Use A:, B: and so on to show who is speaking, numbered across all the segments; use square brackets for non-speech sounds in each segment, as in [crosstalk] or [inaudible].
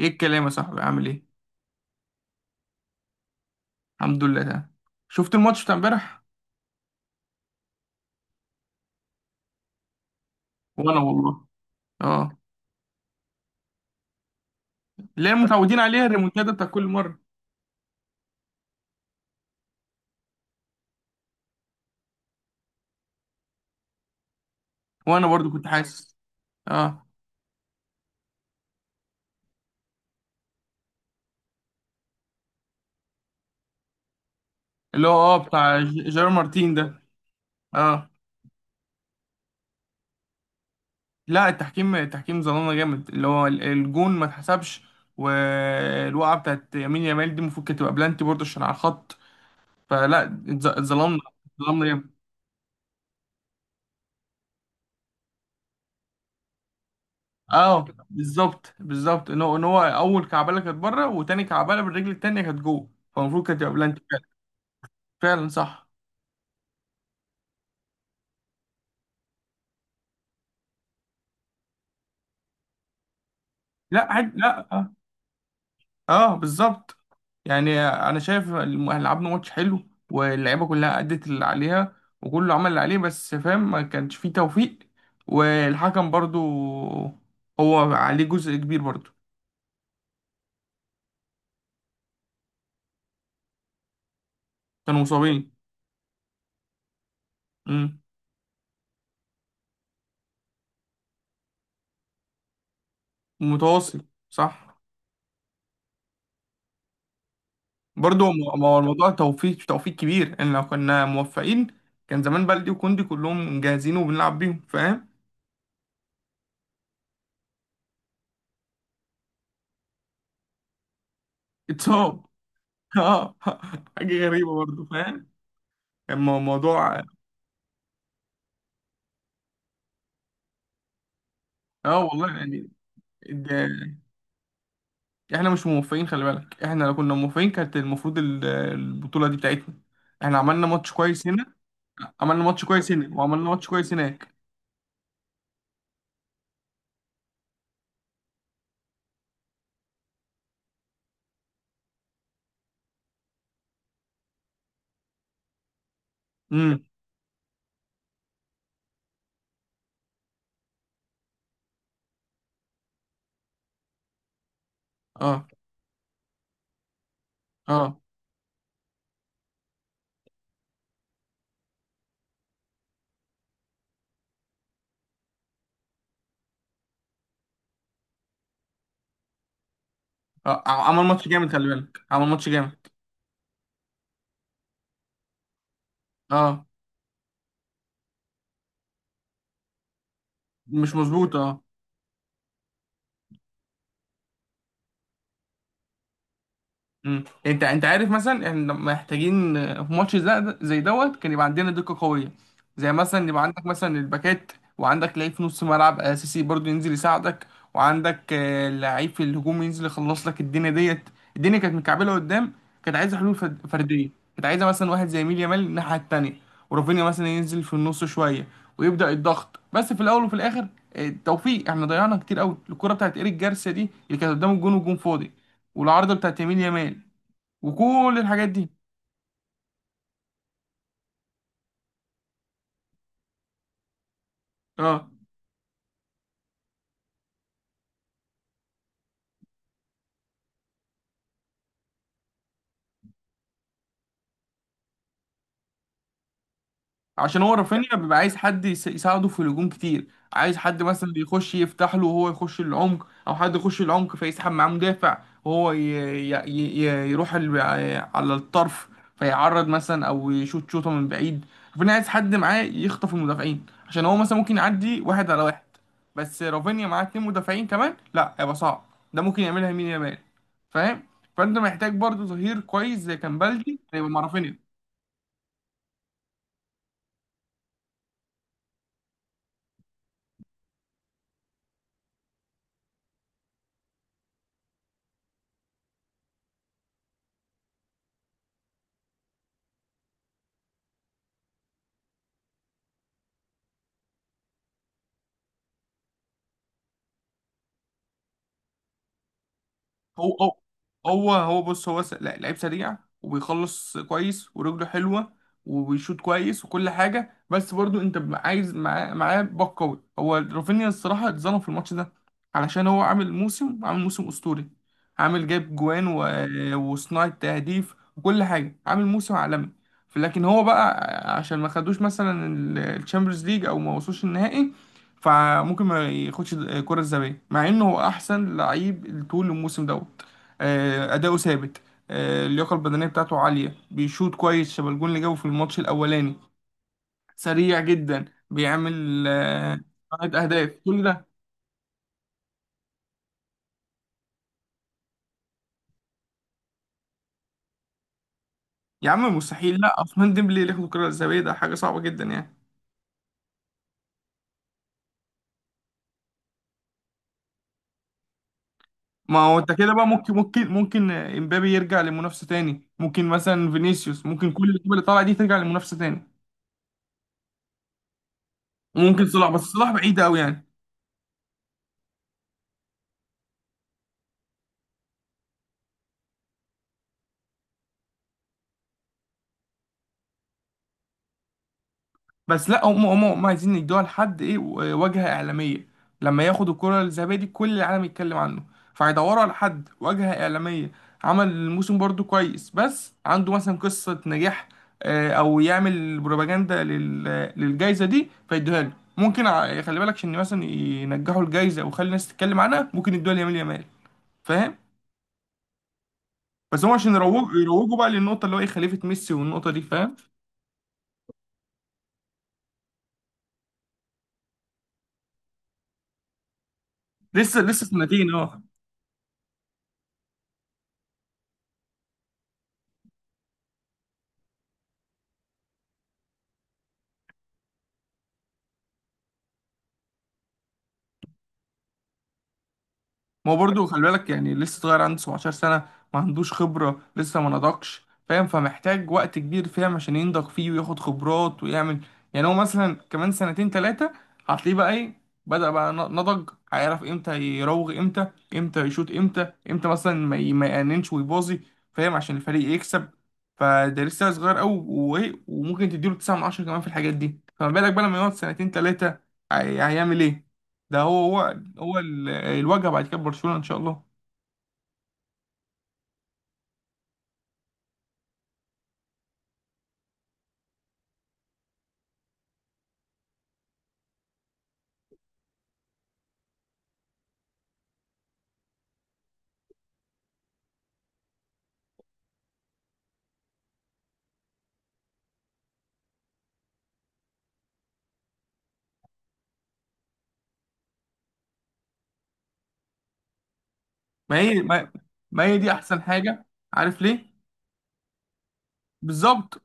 A: ايه الكلام يا صاحبي؟ عامل ايه؟ الحمد لله تمام. شفت الماتش بتاع امبارح؟ وانا والله اه. اللي هي متعودين عليها الريمونتادا بتاع كل مره. وانا برضو كنت حاسس. اه. اللي هو بتاع جيرار مارتين ده. اه. لا، التحكيم ظلمنا جامد، اللي هو الجون ما اتحسبش، والوقعه بتاعت يمين يامال دي المفروض كانت تبقى بلانتي برضو عشان على الخط. اتظلمنا، اتظلمنا جامد. اه بالظبط بالظبط، ان هو اول كعبله كانت بره وتاني كعبله بالرجل التانيه كانت جوه، فالمفروض كانت تبقى بلانتي. فعلا صح. لا اه، آه، بالظبط. يعني انا شايف لعبنا ماتش حلو، واللعيبه كلها ادت اللي عليها، وكله عمل اللي عليه، بس فاهم ما كانش فيه توفيق، والحكم برضو هو عليه جزء كبير برضو. كانوا مصابين. امم متواصل صح. برضو ما هو الموضوع توفيق، توفيق كبير، ان لو كنا موفقين كان زمان بلدي وكوندي كلهم جاهزين وبنلعب بيهم، فاهم؟ اتصاب. [laughs] اه، حاجه غريبه برضو، فاهم. اما الموضوع، اه والله يعني، ده احنا مش موفقين، خلي بالك، احنا لو كنا موفقين كانت المفروض البطولة دي بتاعتنا. احنا عملنا ماتش كويس هنا، عملنا ماتش كويس هنا وعملنا ماتش كويس هناك. امم. اه. اه اه عمل ماتش جامد، خلي بالك، عمل ماتش جامد. اه. مش مظبوط، اه. مم. انت عارف، مثلا احنا محتاجين، في ماتش زي زي دوت، كان يبقى عندنا دقة قوية، زي مثلا يبقى عندك مثلا الباكات، وعندك لعيب في نص ملعب اساسي برضو ينزل يساعدك، وعندك لعيب في الهجوم ينزل يخلص لك الدنيا ديت. الدنيا كانت مكعبلة قدام، كانت عايزة حلول فردية، كانت عايزة مثلا واحد زي ميل يامال الناحية التانية، ورافينيا مثلا ينزل في النص شوية ويبدأ الضغط. بس في الأول وفي الآخر، توفيق. احنا ضيعنا كتير قوي الكرة بتاعت إيريك جارسيا دي اللي كانت قدام الجون والجون فاضي، والعارضة بتاعت يمين يامال، وكل الحاجات دي. اه. عشان هو رافينيا بيبقى عايز حد يساعده في الهجوم كتير، عايز حد مثلا يخش يفتح له وهو يخش العمق، او حد يخش العمق فيسحب معاه مدافع، وهو يروح على الطرف، فيعرض مثلا او يشوط شوطه من بعيد. رافينيا عايز حد معاه يخطف المدافعين، عشان هو مثلا ممكن يعدي واحد على واحد، بس رافينيا معاه اتنين مدافعين كمان لا هيبقى صعب، ده ممكن يعملها يمين يامال، فاهم؟ فانت محتاج برضو ظهير كويس زي كان بالدي هيبقى مع رافينيا. هو. هو بص، لا، لعيب سريع وبيخلص كويس ورجله حلوة وبيشوط كويس وكل حاجة، بس برضو انت عايز معاه باك قوي. هو رافينيا الصراحة اتظلم في الماتش ده، علشان هو عامل موسم أسطوري، عامل جايب جوان و... وصناعة تهديف وكل حاجة، عامل موسم عالمي. لكن هو بقى عشان ما خدوش مثلا الشامبيونز ليج او ما وصلوش النهائي، فممكن ما ياخدش الكرة الذهبية، مع انه هو احسن لعيب طول الموسم دوت. آه، اداؤه ثابت، آه، اللياقة البدنية بتاعته عالية، بيشوط كويس شبه الجون اللي جابه في الماتش الاولاني، سريع جدا، بيعمل آه، عدد اهداف، كل ده. يا عم مستحيل، لا، عثمان ديمبلي اللي ياخد الكرة الذهبية ده حاجة صعبة جدا يعني. ما هو انت كده بقى، ممكن آه، امبابي يرجع لمنافسة تاني، ممكن مثلا فينيسيوس، ممكن كل اللعيبة اللي طالعة دي ترجع لمنافسة تاني. وممكن صلاح، بس صلاح بعيد قوي يعني. بس لا، هم عايزين يدوها لحد ايه، واجهة إعلامية، لما ياخد الكرة الذهبية دي كل العالم يتكلم عنه، فهيدوروا على حد واجهة إعلامية، عمل الموسم برضو كويس، بس عنده مثلا قصة نجاح، آه، أو يعمل بروباجندا للجايزة دي فيدوها له. ممكن خلي بالك، عشان مثلا ينجحوا الجايزة ويخلي الناس تتكلم عنها، ممكن يدوها ليامين يامال، فاهم؟ بس هم عشان يروجوا بقى للنقطة اللي هو ايه، خليفة ميسي، والنقطة دي، فاهم؟ لسه سنتين اه. ما هو برضه خلي بالك، يعني لسه صغير، عنده 17 سنة، ما عندوش خبرة، لسه ما نضجش، فاهم؟ فمحتاج وقت كبير، فاهم، عشان ينضج فيه وياخد خبرات ويعمل. يعني هو مثلا كمان سنتين تلاتة هتلاقيه بقى ايه، بدأ بقى نضج، هيعرف امتى يراوغ، امتى، امتى يشوط، امتى، امتى مثلا ما يأننش ويباظي، فاهم، عشان الفريق يكسب. فده لسه صغير قوي، وايه، وممكن تديله 9 من 10 كمان في الحاجات دي، فما بالك بقى لما يقعد سنتين تلاتة، هيعمل ايه. ده هو، هو الواجهه بعد كده برشلونه ان شاء الله. ما هي ما, ما هي دي احسن حاجه. عارف ليه؟ بالظبط.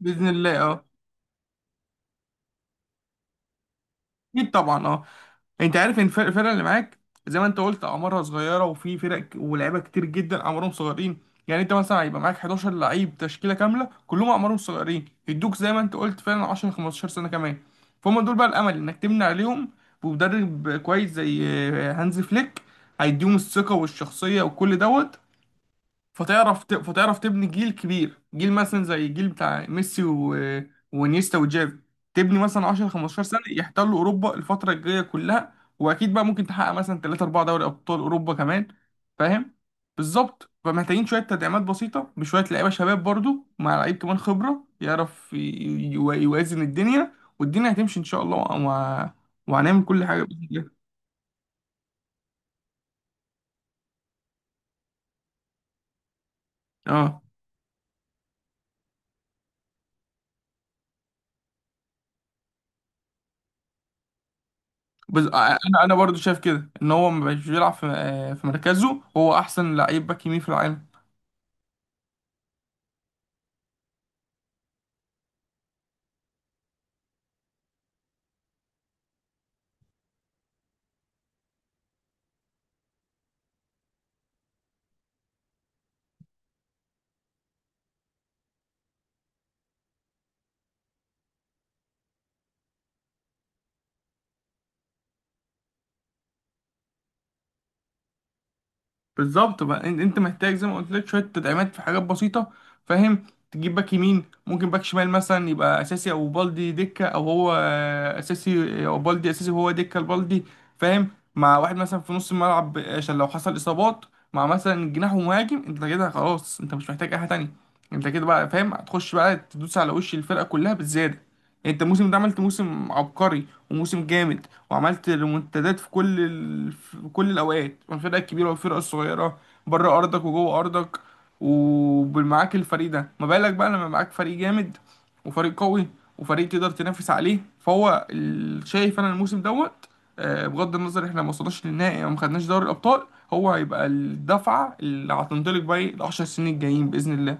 A: باذن الله اه. اكيد طبعا اه. انت عارف ان الفرقه اللي معاك زي ما انت قلت اعمارها صغيره، وفي فرق ولاعيبه كتير جدا اعمارهم صغيرين، يعني انت مثلا هيبقى معاك 11 لعيب تشكيله كامله كلهم اعمارهم صغيرين يدوك زي ما انت قلت فعلا 10 15 سنه كمان، فهم دول بقى الامل انك تبني عليهم بمدرب كويس زي آه، هانز فليك، هيديهم الثقه والشخصيه وكل دوت، فتعرف تبني جيل كبير، جيل مثلا زي الجيل بتاع ميسي و... ونيستا وجافي، تبني مثلا 10 15 سنة يحتلوا أوروبا الفترة الجاية كلها، وأكيد بقى ممكن تحقق مثلا 3 4 دوري أبطال أوروبا كمان، فاهم؟ بالظبط، فمحتاجين شوية تدعيمات بسيطة، بشوية لعيبة شباب برضو مع لعيب كمان خبرة يعرف يوازن الدنيا، والدنيا هتمشي إن شاء الله، وهنعمل كل حاجة بإذن الله. اه. انا برضو شايف كده ان هو ما بقاش بيلعب في آه، في مركزه، هو احسن لعيب باك يمين في العالم. بالظبط بقى، انت محتاج زي ما قلت لك شويه تدعيمات في حاجات بسيطه، فاهم، تجيب باك يمين، ممكن باك شمال مثلا يبقى اساسي او بالدي دكه، او هو آه، اساسي او بالدي اساسي وهو دكه البالدي، فاهم، مع واحد مثلا في نص الملعب عشان لو حصل اصابات، مع مثلا جناح ومهاجم، انت كده خلاص، انت مش محتاج اي حاجه تانيه، انت كده بقى، فاهم، هتخش بقى تدوس على وش الفرقه كلها بالزياده. انت الموسم ده عملت موسم عبقري وموسم جامد، وعملت ريمونتادات في في كل الاوقات، والفرقه الكبيره والفرقه الصغيره، بره ارضك وجوه ارضك، ومعاك الفريق ده، ما بالك بقى لما معاك فريق جامد وفريق قوي وفريق تقدر تنافس عليه، فهو شايف انا الموسم دوت، آه، بغض النظر احنا ما وصلناش للنهائي او ما خدناش دوري الابطال، هو هيبقى الدفعه اللي هتنطلق بقى ال 10 سنين الجايين باذن الله.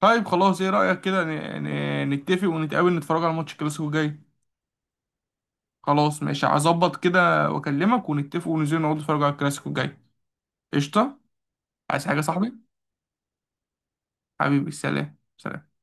A: طيب خلاص، ايه رأيك كده نتفق ونتقابل نتفرج على ماتش الكلاسيكو الجاي؟ خلاص ماشي، هظبط كده واكلمك ونتفق وننزل نقعد نتفرج على الكلاسيكو الجاي. قشطة. عايز حاجة يا صاحبي؟ حبيبي، سلام سلام.